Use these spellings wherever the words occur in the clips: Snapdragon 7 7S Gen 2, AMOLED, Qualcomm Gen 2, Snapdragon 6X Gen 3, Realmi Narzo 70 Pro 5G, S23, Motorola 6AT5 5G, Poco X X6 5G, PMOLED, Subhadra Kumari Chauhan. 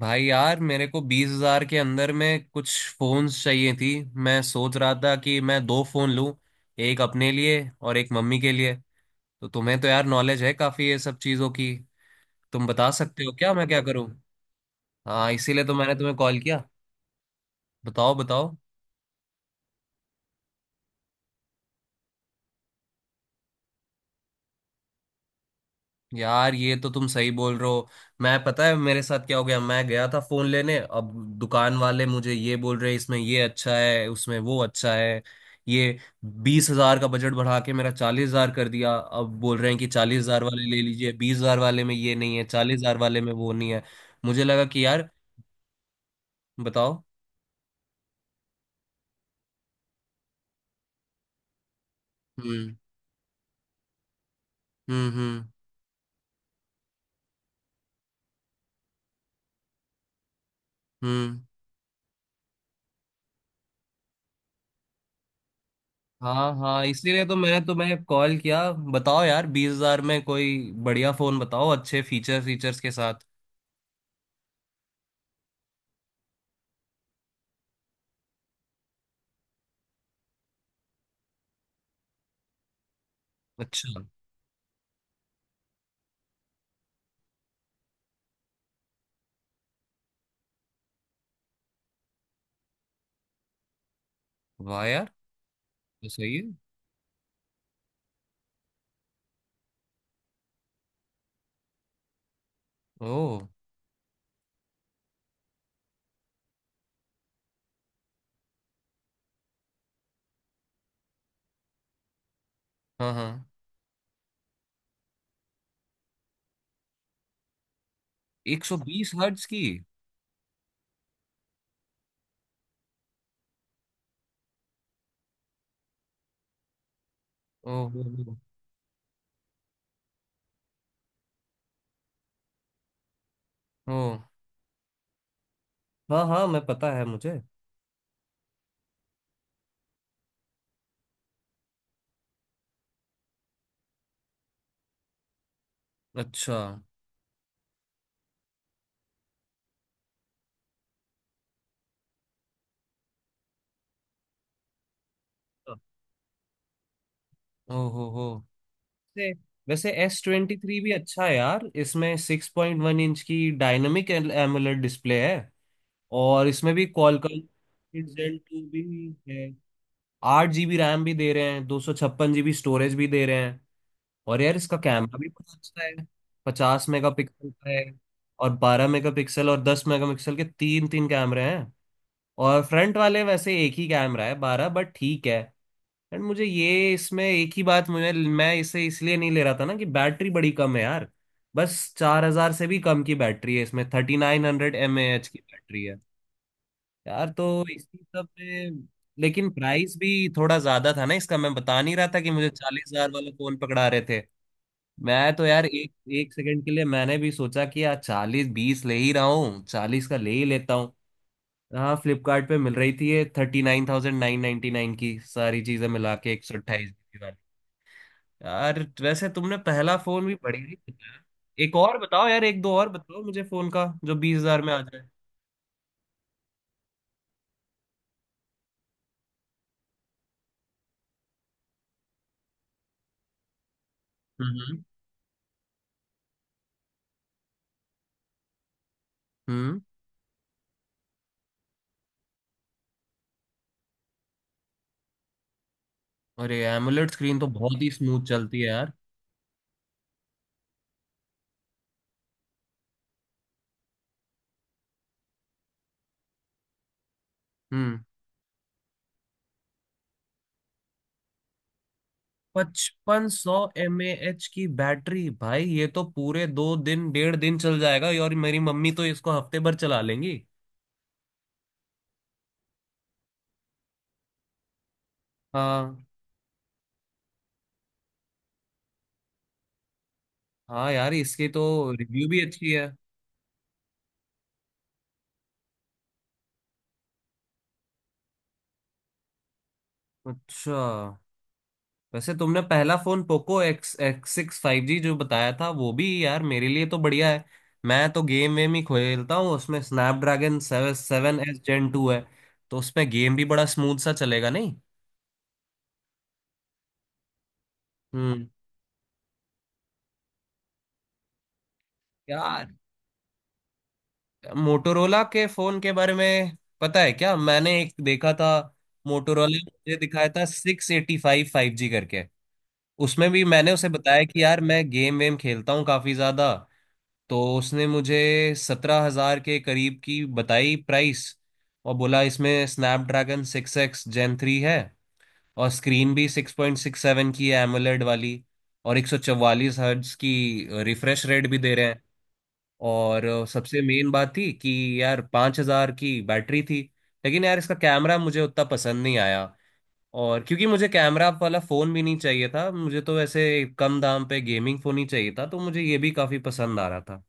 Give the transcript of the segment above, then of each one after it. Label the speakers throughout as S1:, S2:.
S1: भाई यार मेरे को 20,000 के अंदर में कुछ फोन्स चाहिए थी। मैं सोच रहा था कि मैं दो फोन लूं, एक अपने लिए और एक मम्मी के लिए। तो तुम्हें तो यार नॉलेज है काफी ये सब चीजों की। तुम बता सकते हो क्या मैं क्या करूं। हाँ, इसीलिए तो मैंने तुम्हें कॉल किया। बताओ, बताओ। यार ये तो तुम सही बोल रहे हो। मैं पता है मेरे साथ क्या हो गया, मैं गया था फोन लेने। अब दुकान वाले मुझे ये बोल रहे इसमें ये अच्छा है, उसमें वो अच्छा है। ये बीस हजार का बजट बढ़ा के मेरा 40,000 कर दिया। अब बोल रहे हैं कि चालीस हजार वाले ले लीजिए, बीस हजार वाले में ये नहीं है, चालीस हजार वाले में वो नहीं है। मुझे लगा कि यार। बताओ। हम्म। हम्म। हम्म। हम्म। हाँ हाँ, इसीलिए तो मैं तुम्हें कॉल किया। बताओ यार, बीस हजार में कोई बढ़िया फोन बताओ अच्छे फीचर्स के साथ। अच्छा। वाह यार। तो सही है। ओ। हाँ हाँ। 120 हर्ट्ज की। ओ हो, हो। हाँ हाँ, मैं पता है मुझे। अच्छा। ओ हो हो। वैसे वैसे एस ट्वेंटी थ्री भी अच्छा है यार। इसमें 6.1 इंच की डायनामिक एमुलेट डिस्प्ले है, और इसमें भी Qualcomm Gen 2 भी है। 8 जीबी रैम भी दे रहे हैं, 256 जीबी स्टोरेज भी दे रहे हैं। और यार इसका कैमरा भी बहुत अच्छा है। 50 मेगापिक्सल का है, और 12 मेगापिक्सल और 10 मेगापिक्सल के तीन तीन कैमरे हैं। और फ्रंट वाले वैसे एक ही कैमरा है बारह, बट ठीक है। एंड मुझे ये इसमें एक ही बात, मुझे मैं इसे इसलिए नहीं ले रहा था ना कि बैटरी बड़ी कम है यार। बस 4,000 से भी कम की बैटरी है, इसमें 3900 एम ए एच की बैटरी है। यार तो इसी सब में, लेकिन प्राइस भी थोड़ा ज्यादा था ना इसका, मैं बता नहीं रहा था कि मुझे चालीस हजार वाला फोन पकड़ा रहे थे। मैं तो यार एक एक सेकंड के लिए मैंने भी सोचा कि यार चालीस, बीस ले ही रहा हूँ, चालीस का ले ही लेता हूँ। हाँ, फ्लिपकार्ट पे मिल रही थी, ये 39,999 की सारी चीजें मिला के, 128 जीबी वाली। यार वैसे तुमने पहला फोन भी बढ़िया ही बताया। एक और बताओ यार, एक दो और बताओ मुझे फोन का जो बीस हजार में आ जाए। हम्म। हम्म। अरे एमुलेट स्क्रीन तो बहुत ही स्मूथ चलती है यार। हम्म। 5500 एम ए एच की बैटरी भाई, ये तो पूरे दो दिन, डेढ़ दिन चल जाएगा, और मेरी मम्मी तो इसको हफ्ते भर चला लेंगी। हाँ हाँ। यार इसकी तो रिव्यू भी अच्छी है। अच्छा। वैसे तुमने पहला phone Poco X X six five G जो बताया था, वो भी यार मेरे लिए तो बढ़िया है। मैं तो गेम वेम ही खेलता हूँ, उसमें Snapdragon seven seven S Gen two है। तो उसमें गेम भी बड़ा स्मूथ सा चलेगा नहीं। हम्म। यार मोटोरोला के फोन के बारे में पता है क्या मैंने एक देखा था। मोटोरोला मुझे दिखाया था six eighty five five G करके। उसमें भी मैंने उसे बताया कि यार मैं गेम वेम खेलता हूँ काफी ज्यादा। तो उसने मुझे 17,000 के करीब की बताई प्राइस। और बोला इसमें Snapdragon six X Gen three है। और स्क्रीन भी 6.67 की एमोलेड वाली, और 144 हर्ट्ज की रिफ्रेश रेट भी दे रहे हैं। और सबसे मेन बात थी कि यार 5,000 की बैटरी थी। लेकिन यार इसका कैमरा मुझे उतना पसंद नहीं आया, और क्योंकि मुझे कैमरा वाला फ़ोन भी नहीं चाहिए था, मुझे तो ऐसे कम दाम पे गेमिंग फ़ोन ही चाहिए था, तो मुझे ये भी काफ़ी पसंद आ रहा था।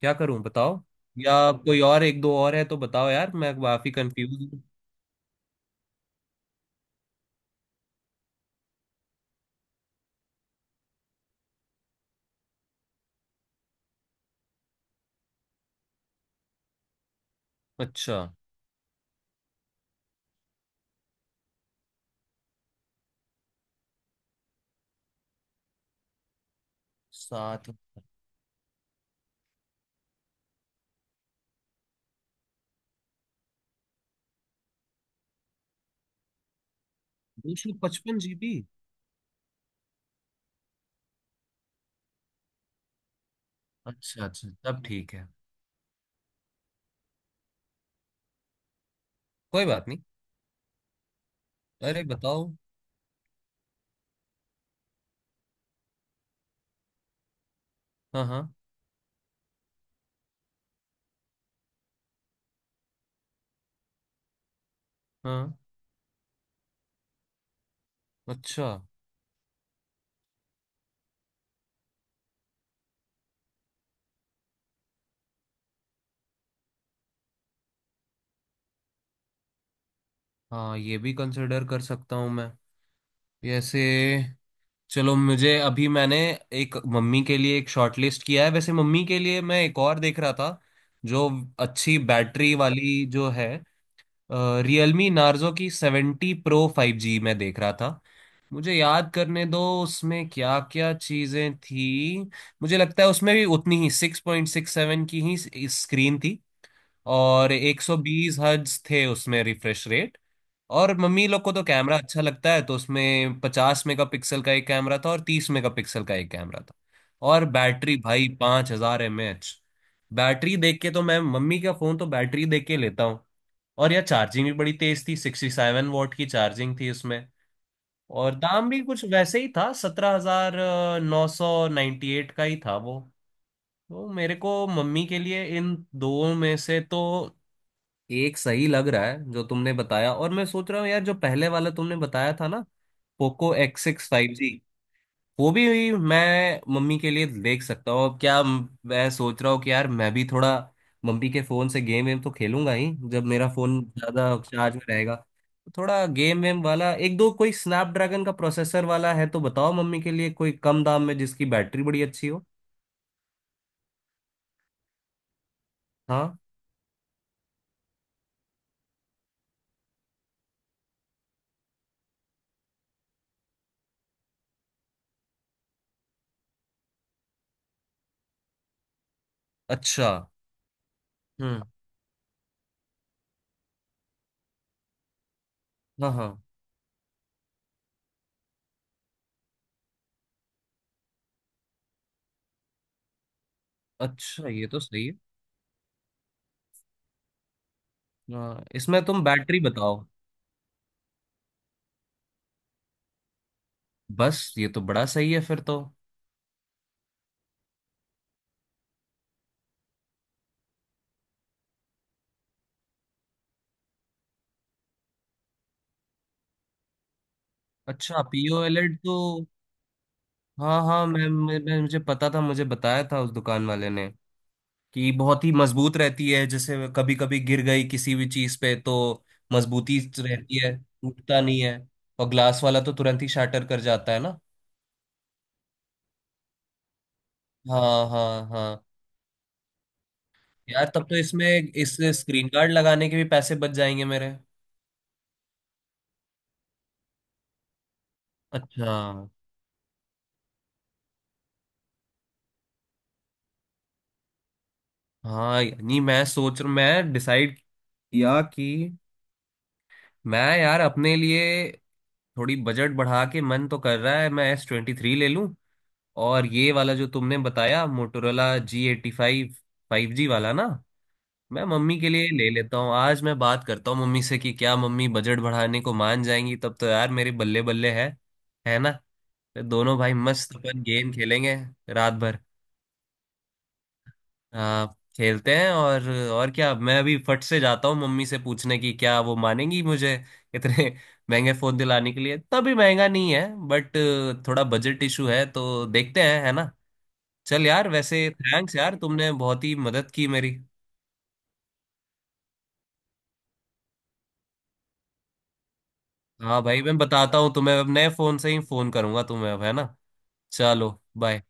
S1: क्या करूं बताओ। या कोई और एक दो और है तो बताओ यार, मैं काफ़ी कंफ्यूज हूँ। अच्छा। सात। 255 जीबी। अच्छा अच्छा, तब ठीक है। कोई बात नहीं। अरे बताओ। हाँ हाँ हाँ। अच्छा। हाँ, ये भी कंसिडर कर सकता हूँ मैं। जैसे, चलो मुझे अभी, मैंने एक मम्मी के लिए एक शॉर्ट लिस्ट किया है। वैसे मम्मी के लिए मैं एक और देख रहा था जो अच्छी बैटरी वाली जो है, रियलमी नार्जो की सेवेंटी प्रो फाइव जी मैं देख रहा था। मुझे याद करने दो उसमें क्या क्या चीजें थी। मुझे लगता है उसमें भी उतनी ही सिक्स पॉइंट सिक्स सेवन की ही स्क्रीन थी। और 120 हर्ट्ज थे उसमें रिफ्रेश रेट। और मम्मी लोग को तो कैमरा अच्छा लगता है, तो उसमें 50 मेगापिक्सल का एक कैमरा था और 30 मेगापिक्सल का एक कैमरा था। और बैटरी भाई 5,000 एम एच। बैटरी देख के तो, मैं मम्मी का फोन तो बैटरी देख के लेता हूँ। और यह चार्जिंग भी बड़ी तेज थी, 67 वॉट की चार्जिंग थी उसमें। और दाम भी कुछ वैसे ही था, 17,998 का ही था वो। तो मेरे को मम्मी के लिए इन दो में से तो एक सही लग रहा है जो तुमने बताया। और मैं सोच रहा हूँ यार जो पहले वाला तुमने बताया था ना, Poco X six five G, वो भी मैं मम्मी के लिए देख सकता हूँ। अब क्या मैं सोच रहा हूँ कि यार मैं भी थोड़ा मम्मी के फोन से गेम वेम तो खेलूंगा ही, जब मेरा फोन ज्यादा चार्ज में रहेगा, तो थोड़ा गेम वेम वाला एक दो कोई स्नैपड्रैगन का प्रोसेसर वाला है तो बताओ, मम्मी के लिए कोई कम दाम में जिसकी बैटरी बड़ी अच्छी हो। हाँ। अच्छा। हम्म। हाँ हाँ। अच्छा, ये तो सही है। हाँ, इसमें तुम बैटरी बताओ। बस ये तो बड़ा सही है फिर तो। अच्छा, पीओएलएड तो। हाँ हाँ, मैं मुझे पता था, मुझे बताया था उस दुकान वाले ने कि बहुत ही मजबूत रहती है, जैसे कभी कभी गिर गई किसी भी चीज पे तो मजबूती रहती है, टूटता नहीं है। और ग्लास वाला तो तुरंत ही शाटर कर जाता है ना। हाँ हाँ हाँ। यार तब तो इसमें इस स्क्रीन गार्ड लगाने के भी पैसे बच जाएंगे मेरे। अच्छा। हाँ नहीं, मैं सोच रहा मैं डिसाइड किया कि मैं यार अपने लिए थोड़ी बजट बढ़ा के मन तो कर रहा है, मैं एस ट्वेंटी थ्री ले लूं। और ये वाला जो तुमने बताया Motorola G eighty five five G वाला ना, मैं मम्मी के लिए ले लेता हूँ। आज मैं बात करता हूँ मम्मी से कि क्या मम्मी बजट बढ़ाने को मान जाएंगी, तब तो यार मेरे बल्ले बल्ले है ना। फिर दोनों भाई मस्त अपन गेम खेलेंगे रात भर। हाँ, खेलते हैं और क्या, मैं अभी फट से जाता हूँ मम्मी से पूछने की क्या वो मानेंगी मुझे इतने महंगे फोन दिलाने के लिए। इतना भी महंगा नहीं है बट थोड़ा बजट इशू है, तो देखते हैं है ना। चल यार, वैसे थैंक्स यार तुमने बहुत ही मदद की मेरी। हाँ भाई मैं बताता हूँ तुम्हें, अब नए फोन से ही फोन करूंगा तुम्हें, अब है ना। चलो। बाय।